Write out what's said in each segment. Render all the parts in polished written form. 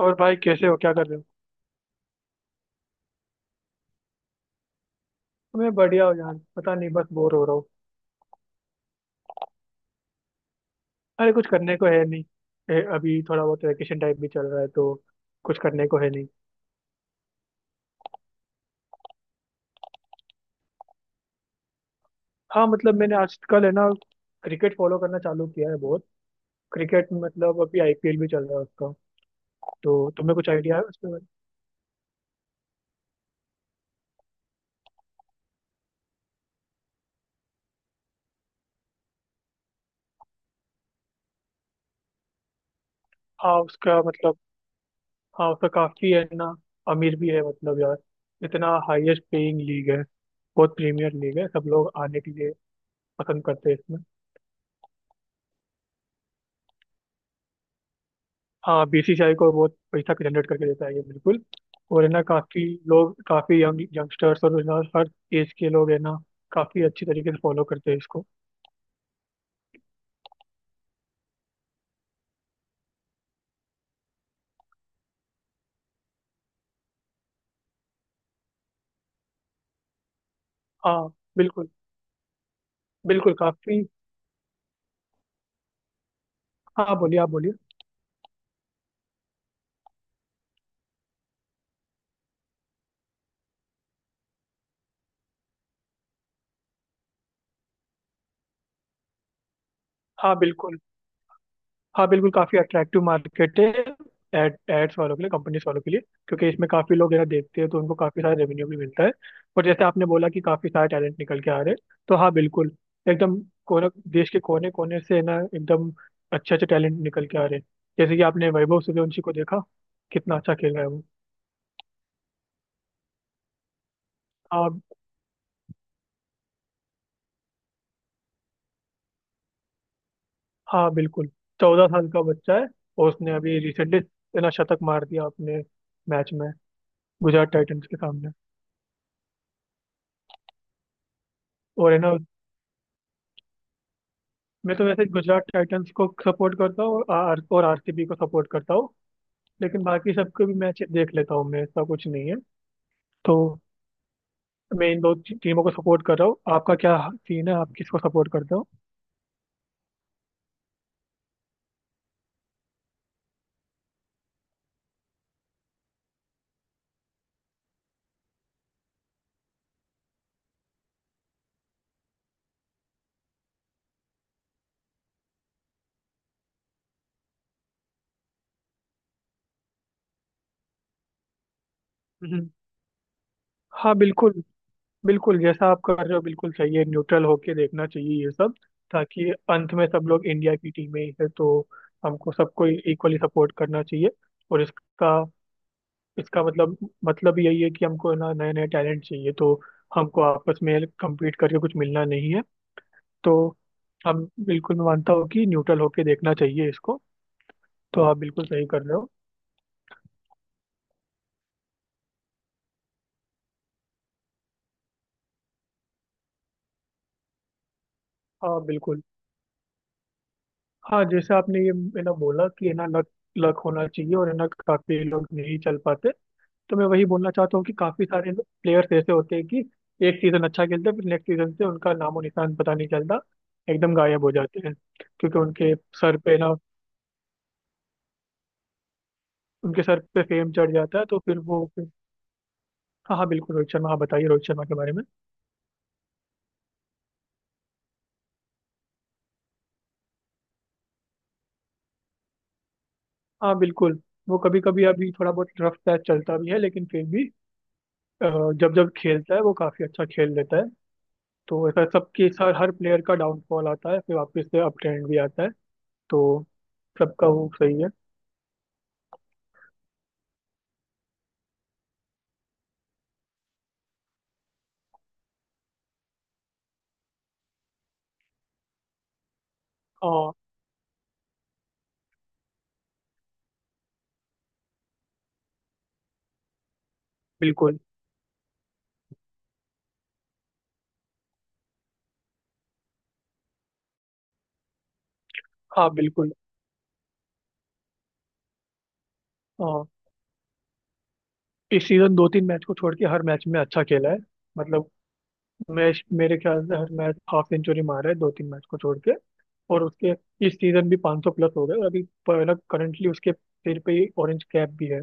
और भाई कैसे हो क्या कर रहे हो? मैं बढ़िया हूँ यार पता नहीं बस बोर हो रहा हूँ। अरे कुछ करने को है नहीं। अभी थोड़ा बहुत वैकेशन टाइप भी चल रहा है तो कुछ करने को है नहीं। हाँ मतलब मैंने आजकल है ना क्रिकेट फॉलो करना चालू किया है बहुत। क्रिकेट मतलब अभी आईपीएल भी चल रहा है उसका। तो तुम्हें कुछ आइडिया है उसके बारे में? हाँ उसका मतलब हाँ उसका काफी है ना अमीर भी है मतलब यार। इतना हाईएस्ट पेइंग लीग है। बहुत प्रीमियर लीग है सब लोग आने के लिए पसंद करते हैं इसमें। हाँ बीसीसीआई को बहुत पैसा जनरेट करके देता है ये बिल्कुल। और है ना काफी लोग काफी यंग यंगस्टर्स और है ना हर एज के लोग है ना काफी अच्छी तरीके से फॉलो करते हैं इसको। हाँ बिल्कुल बिल्कुल काफी। हाँ बोलिए आप बोलिए। हाँ बिल्कुल। हाँ बिल्कुल काफी अट्रैक्टिव मार्केट है। एड एड्स वालों के लिए कंपनीज वालों के लिए क्योंकि इसमें काफी लोग जरा देखते हैं तो उनको काफी सारा रेवेन्यू भी मिलता है। और जैसे आपने बोला कि काफी सारे टैलेंट निकल के आ रहे हैं तो हाँ बिल्कुल एकदम। कोने देश के कोने कोने से ना एकदम अच्छे अच्छे टैलेंट निकल के आ रहे हैं। जैसे कि आपने वैभव सूर्यवंशी को देखा कितना अच्छा खेल रहा है वो। हाँ हाँ बिल्कुल। 14 साल का बच्चा है और उसने अभी रिसेंटली ना शतक मार दिया अपने मैच में गुजरात टाइटंस के सामने और है ना। मैं तो वैसे गुजरात टाइटंस को सपोर्ट करता हूँ और आर और आरसीबी को सपोर्ट करता हूँ। लेकिन बाकी सबके भी मैच देख लेता हूँ मैं ऐसा कुछ नहीं है। तो मैं इन दो टीमों को सपोर्ट कर रहा हूँ। आपका क्या सीन है आप किसको सपोर्ट करते हो? हम्म। हाँ बिल्कुल बिल्कुल जैसा आप कर रहे हो बिल्कुल सही है न्यूट्रल होके देखना चाहिए ये सब। ताकि अंत में सब लोग इंडिया की टीमें ही है तो हमको सबको इक्वली सपोर्ट करना चाहिए। और इसका इसका मतलब यही है कि हमको ना नए नए टैलेंट चाहिए तो हमको आपस में कम्पीट करके कुछ मिलना नहीं है। तो हम बिल्कुल मैं मानता हूँ कि न्यूट्रल होके देखना चाहिए इसको। तो आप बिल्कुल सही कर रहे हो। हाँ बिल्कुल। हाँ जैसे आपने ये है ना बोला कि है ना लक लक होना चाहिए और है ना काफी लोग नहीं चल पाते। तो मैं वही बोलना चाहता हूँ कि काफी सारे प्लेयर्स ऐसे होते हैं कि एक सीजन अच्छा खेलते हैं फिर नेक्स्ट सीजन से उनका नामो निशान पता नहीं चलता। एकदम गायब हो जाते हैं। क्योंकि सर पे ना उनके सर पे फेम चढ़ जाता है तो फिर वो फिर हाँ हाँ बिल्कुल रोहित शर्मा। हाँ बताइए रोहित शर्मा के बारे में। हाँ बिल्कुल। वो कभी कभी अभी थोड़ा बहुत रफ पैच चलता भी है लेकिन फिर भी अ, जब जब खेलता है वो काफी अच्छा खेल लेता है। तो ऐसा सबके सर हर प्लेयर का डाउनफॉल आता है फिर वापस से अप ट्रेंड भी आता है। तो सबका वो सही है। हाँ बिल्कुल हाँ बिल्कुल हाँ। इस सीजन दो तीन मैच को छोड़ के हर मैच में अच्छा खेला है मतलब मैं मेरे ख्याल से हर मैच हाफ सेंचुरी मारा है दो तीन मैच को छोड़ के। और उसके इस सीजन भी 500 प्लस हो गए और अभी पर ना करंटली उसके सिर पे ही ऑरेंज कैप भी है।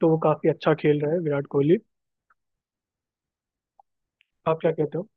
तो वो काफी अच्छा खेल रहा है विराट कोहली। आप क्या कहते हो?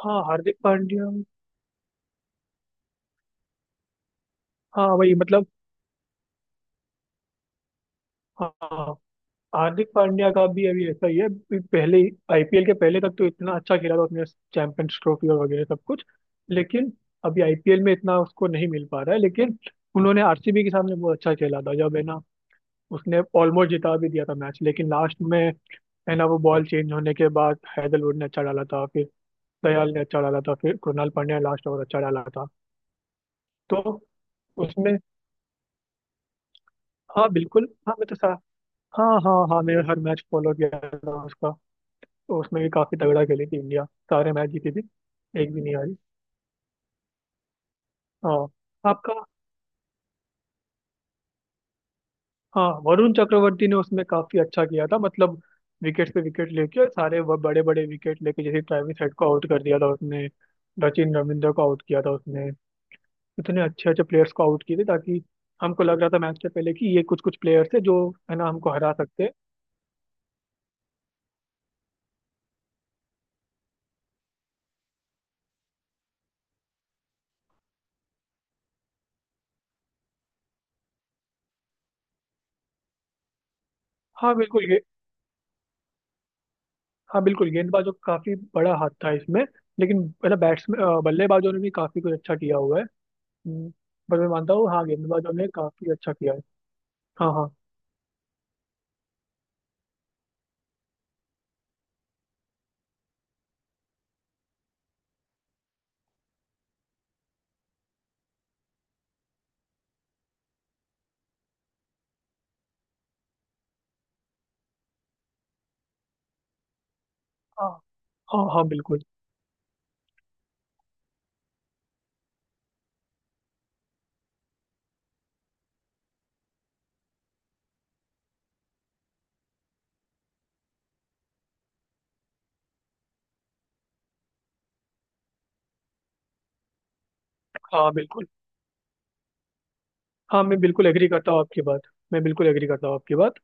हाँ हार्दिक पांड्या हाँ वही मतलब हाँ। हार्दिक पांड्या का भी अभी ऐसा ही है अभी पहले आईपीएल के पहले तक तो इतना अच्छा खेला था उसने चैंपियंस ट्रॉफी और वगैरह सब कुछ। लेकिन अभी आईपीएल में इतना उसको नहीं मिल पा रहा है। लेकिन उन्होंने आरसीबी के सामने बहुत अच्छा खेला था जब है ना उसने ऑलमोस्ट जिता भी दिया था मैच लेकिन लास्ट में है ना वो बॉल चेंज होने के बाद हैदरवुड ने अच्छा डाला था। फिर दयाल ने अच्छा डाला था फिर कृणाल पांड्या ने लास्ट ओवर अच्छा डाला था। तो उसमें हाँ बिल्कुल हाँ मैं तो सा हाँ हाँ हाँ मैं हर मैच फॉलो किया था उसका। तो उसमें भी काफी तगड़ा खेली थी इंडिया सारे मैच जीती थी एक भी नहीं हारी। हाँ आपका हाँ वरुण चक्रवर्ती ने उसमें काफी अच्छा किया था मतलब विकेट पे विकेट लेके और सारे वो बड़े बड़े विकेट लेके जैसे ट्रेविस हेड को आउट कर दिया था उसने। सचिन रविंद्र को आउट किया था उसने। इतने अच्छे अच्छे प्लेयर्स को आउट किए थे ताकि हमको लग रहा था मैच से पहले कि ये कुछ कुछ प्लेयर्स है जो है ना हमको हरा सकते हैं। हाँ बिल्कुल ये हाँ बिल्कुल गेंदबाजों का काफी बड़ा हाथ था इसमें लेकिन है ना बैट्समैन बल्लेबाजों ने भी काफी कुछ अच्छा किया हुआ है। हम्म, पर मैं मानता हूँ हाँ गेंदबाजों ने काफी अच्छा किया है। हाँ हाँ हाँ हाँ हाँ बिल्कुल हाँ बिल्कुल हाँ। मैं बिल्कुल एग्री करता हूँ आपकी बात। मैं बिल्कुल एग्री करता हूँ आपकी बात।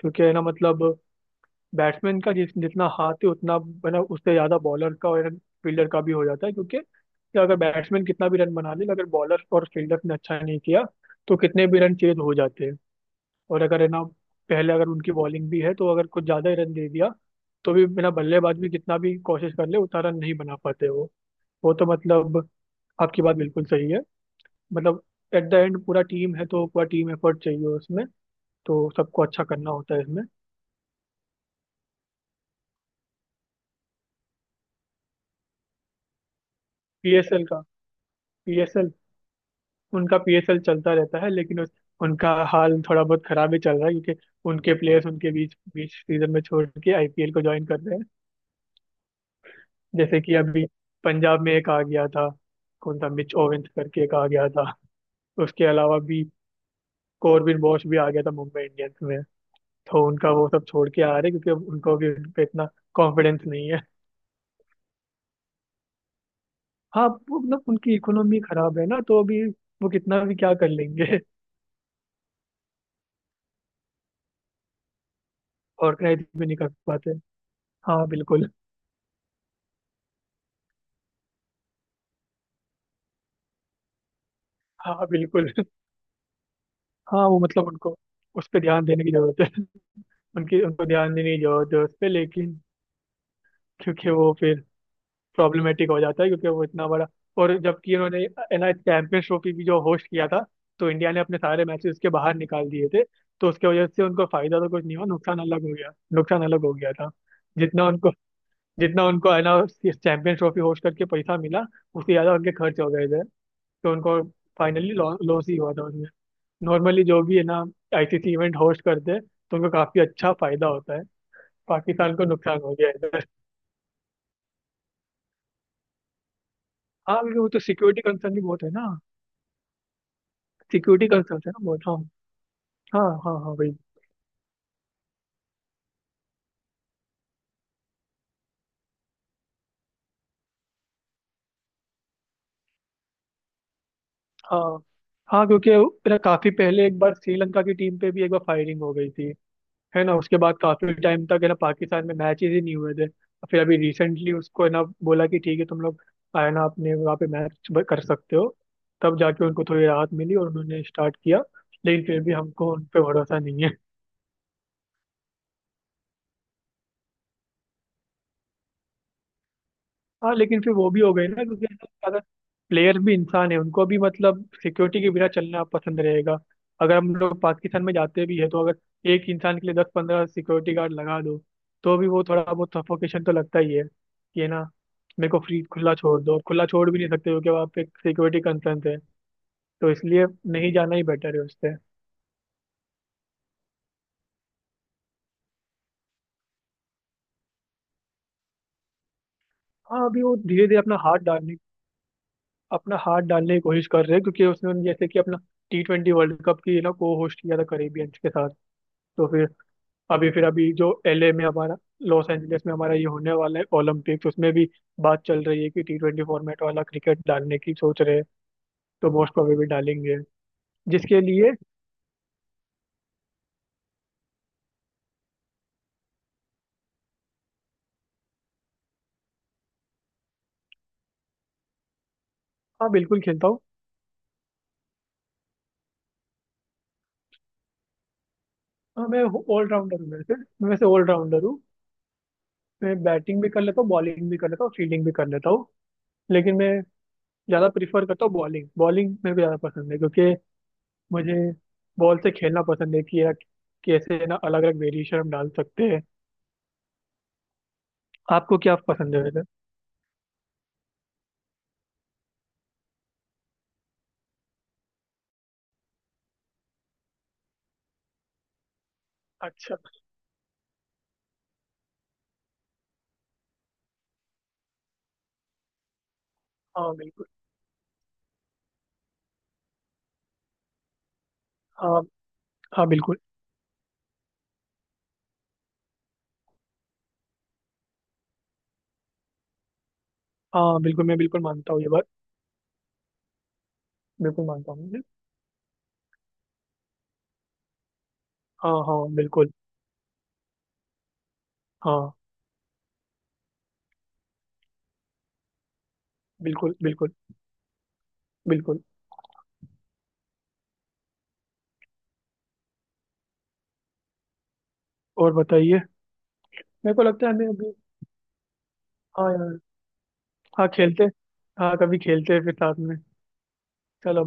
क्योंकि है ना मतलब बैट्समैन का जिस जितना हाथ है उतना है ना उससे ज़्यादा बॉलर का और फील्डर का भी हो जाता है। क्योंकि अगर बैट्समैन कितना भी रन बना ले अगर बॉलर और फील्डर ने अच्छा नहीं किया तो कितने भी रन चेज हो जाते हैं। और अगर है ना पहले अगर उनकी बॉलिंग भी है तो अगर कुछ ज़्यादा ही रन दे दिया तो भी बिना बल्लेबाज भी कितना भी कोशिश कर ले उतना रन नहीं बना पाते वो। वो तो मतलब आपकी बात बिल्कुल सही है। मतलब एट द एंड पूरा टीम है तो पूरा टीम एफर्ट चाहिए उसमें। तो सबको अच्छा करना होता है इसमें। पीएसएल का पीएसएल उनका पीएसएल चलता रहता है लेकिन उनका हाल थोड़ा बहुत खराब ही चल रहा है क्योंकि उनके प्लेयर्स उनके बीच बीच सीजन में छोड़ के आईपीएल को ज्वाइन कर रहे हैं। जैसे कि अभी पंजाब में एक आ गया था कौन था मिच ओवेंस करके एक आ गया था। उसके अलावा भी कॉर्बिन बॉश भी आ गया था मुंबई इंडियंस में। तो उनका वो सब छोड़ के आ रहे हैं क्योंकि उनको भी उन पे इतना कॉन्फिडेंस नहीं है। हाँ वो मतलब उनकी इकोनॉमी खराब है ना तो अभी वो कितना भी क्या कर लेंगे। ऑर्गेनाइज भी नहीं कर पाते। हाँ बिल्कुल हाँ बिल्कुल। हाँ वो मतलब उनको उस पर ध्यान देने की जरूरत है। उनकी उनको ध्यान देने की जरूरत है उस पर लेकिन क्योंकि वो फिर प्रॉब्लमेटिक हो जाता है क्योंकि वो इतना बड़ा। और जबकि उन्होंने एनआई चैंपियंस ट्रॉफी भी जो होस्ट किया था तो इंडिया ने अपने सारे मैचेस उसके बाहर निकाल दिए थे। तो उसके वजह से उनको फायदा तो कुछ नहीं हुआ नुकसान अलग हो गया था। जितना उनको जितना उनको है ना चैंपियंस ट्रॉफी होस्ट करके पैसा मिला उससे ज्यादा उनके खर्च हो गए थे। तो उनको फाइनली लॉस ही हुआ था। नॉर्मली जो भी है ना आईसीसी इवेंट होस्ट करते हैं तो उनको काफी अच्छा फायदा होता है। पाकिस्तान को नुकसान हो गया इधर। हाँ क्योंकि वो तो सिक्योरिटी कंसर्न भी बहुत है ना। सिक्योरिटी कंसर्न है ना बहुत हाँ। हाँ हाँ हाँ भाई। हाँ हाँ क्योंकि मेरा काफी पहले एक बार श्रीलंका की टीम पे भी एक बार फायरिंग हो गई थी। है ना उसके बाद काफी टाइम तक है ना पाकिस्तान में मैचेस ही नहीं हुए थे। फिर अभी रिसेंटली उसको है ना बोला कि ठीक है तुम लोग है ना अपने वहाँ पे मैच कर सकते हो। तब जाके उनको थोड़ी राहत मिली और उन्होंने स्टार्ट किया। लेकिन फिर भी हमको उन पे भरोसा नहीं है। हाँ लेकिन फिर वो भी हो गई ना क्योंकि अगर प्लेयर भी इंसान है उनको भी मतलब सिक्योरिटी के बिना चलना पसंद रहेगा। अगर हम लोग पाकिस्तान में जाते भी है तो अगर एक इंसान के लिए 10-15 सिक्योरिटी गार्ड लगा दो तो भी वो थोड़ा बहुत सफोकेशन तो लगता ही है कि है ना। मेरे को फ्री खुला छोड़ दो खुला छोड़ भी नहीं सकते क्योंकि वहाँ पे सिक्योरिटी कंसर्न है। तो इसलिए नहीं जाना ही बेटर है उससे। हाँ अभी वो धीरे धीरे अपना हाथ डालने की कोशिश कर रहे हैं क्योंकि उसने जैसे कि अपना टी20 वर्ल्ड कप की ना को होस्ट किया था करेबियंस के साथ। तो फिर अभी जो एलए में हमारा लॉस एंजलिस में हमारा ये होने वाला है ओलंपिक्स उसमें भी बात चल रही है कि टी20 फॉर्मेट वाला क्रिकेट डालने की सोच रहे हैं। तो मोस्ट प्रोबेबली डालेंगे जिसके लिए। हाँ बिल्कुल खेलता हूँ। हाँ मैं ऑलराउंडर हूँ वैसे। मैं वैसे ऑलराउंडर हूँ। मैं बैटिंग भी कर लेता हूँ बॉलिंग भी कर लेता हूँ फील्डिंग भी कर लेता हूँ। लेकिन मैं ज़्यादा प्रीफर करता हूँ बॉलिंग। बॉलिंग मेरे को ज़्यादा पसंद है क्योंकि मुझे बॉल से खेलना पसंद है कि यार कैसे ना अलग अलग वेरिएशन हम डाल सकते हैं। आपको क्या पसंद है वैसे? अच्छा। हाँ बिल्कुल। हाँ हाँ बिल्कुल। हाँ बिल्कुल मैं बिल्कुल मानता हूँ ये बात। बिल्कुल मानता हूँ मैं। हाँ हाँ बिल्कुल। हाँ बिल्कुल बिल्कुल बिल्कुल। और बताइए मेरे को लगता है हमें अभी। हाँ यार। हाँ खेलते हाँ कभी खेलते हैं फिर साथ में। चलो।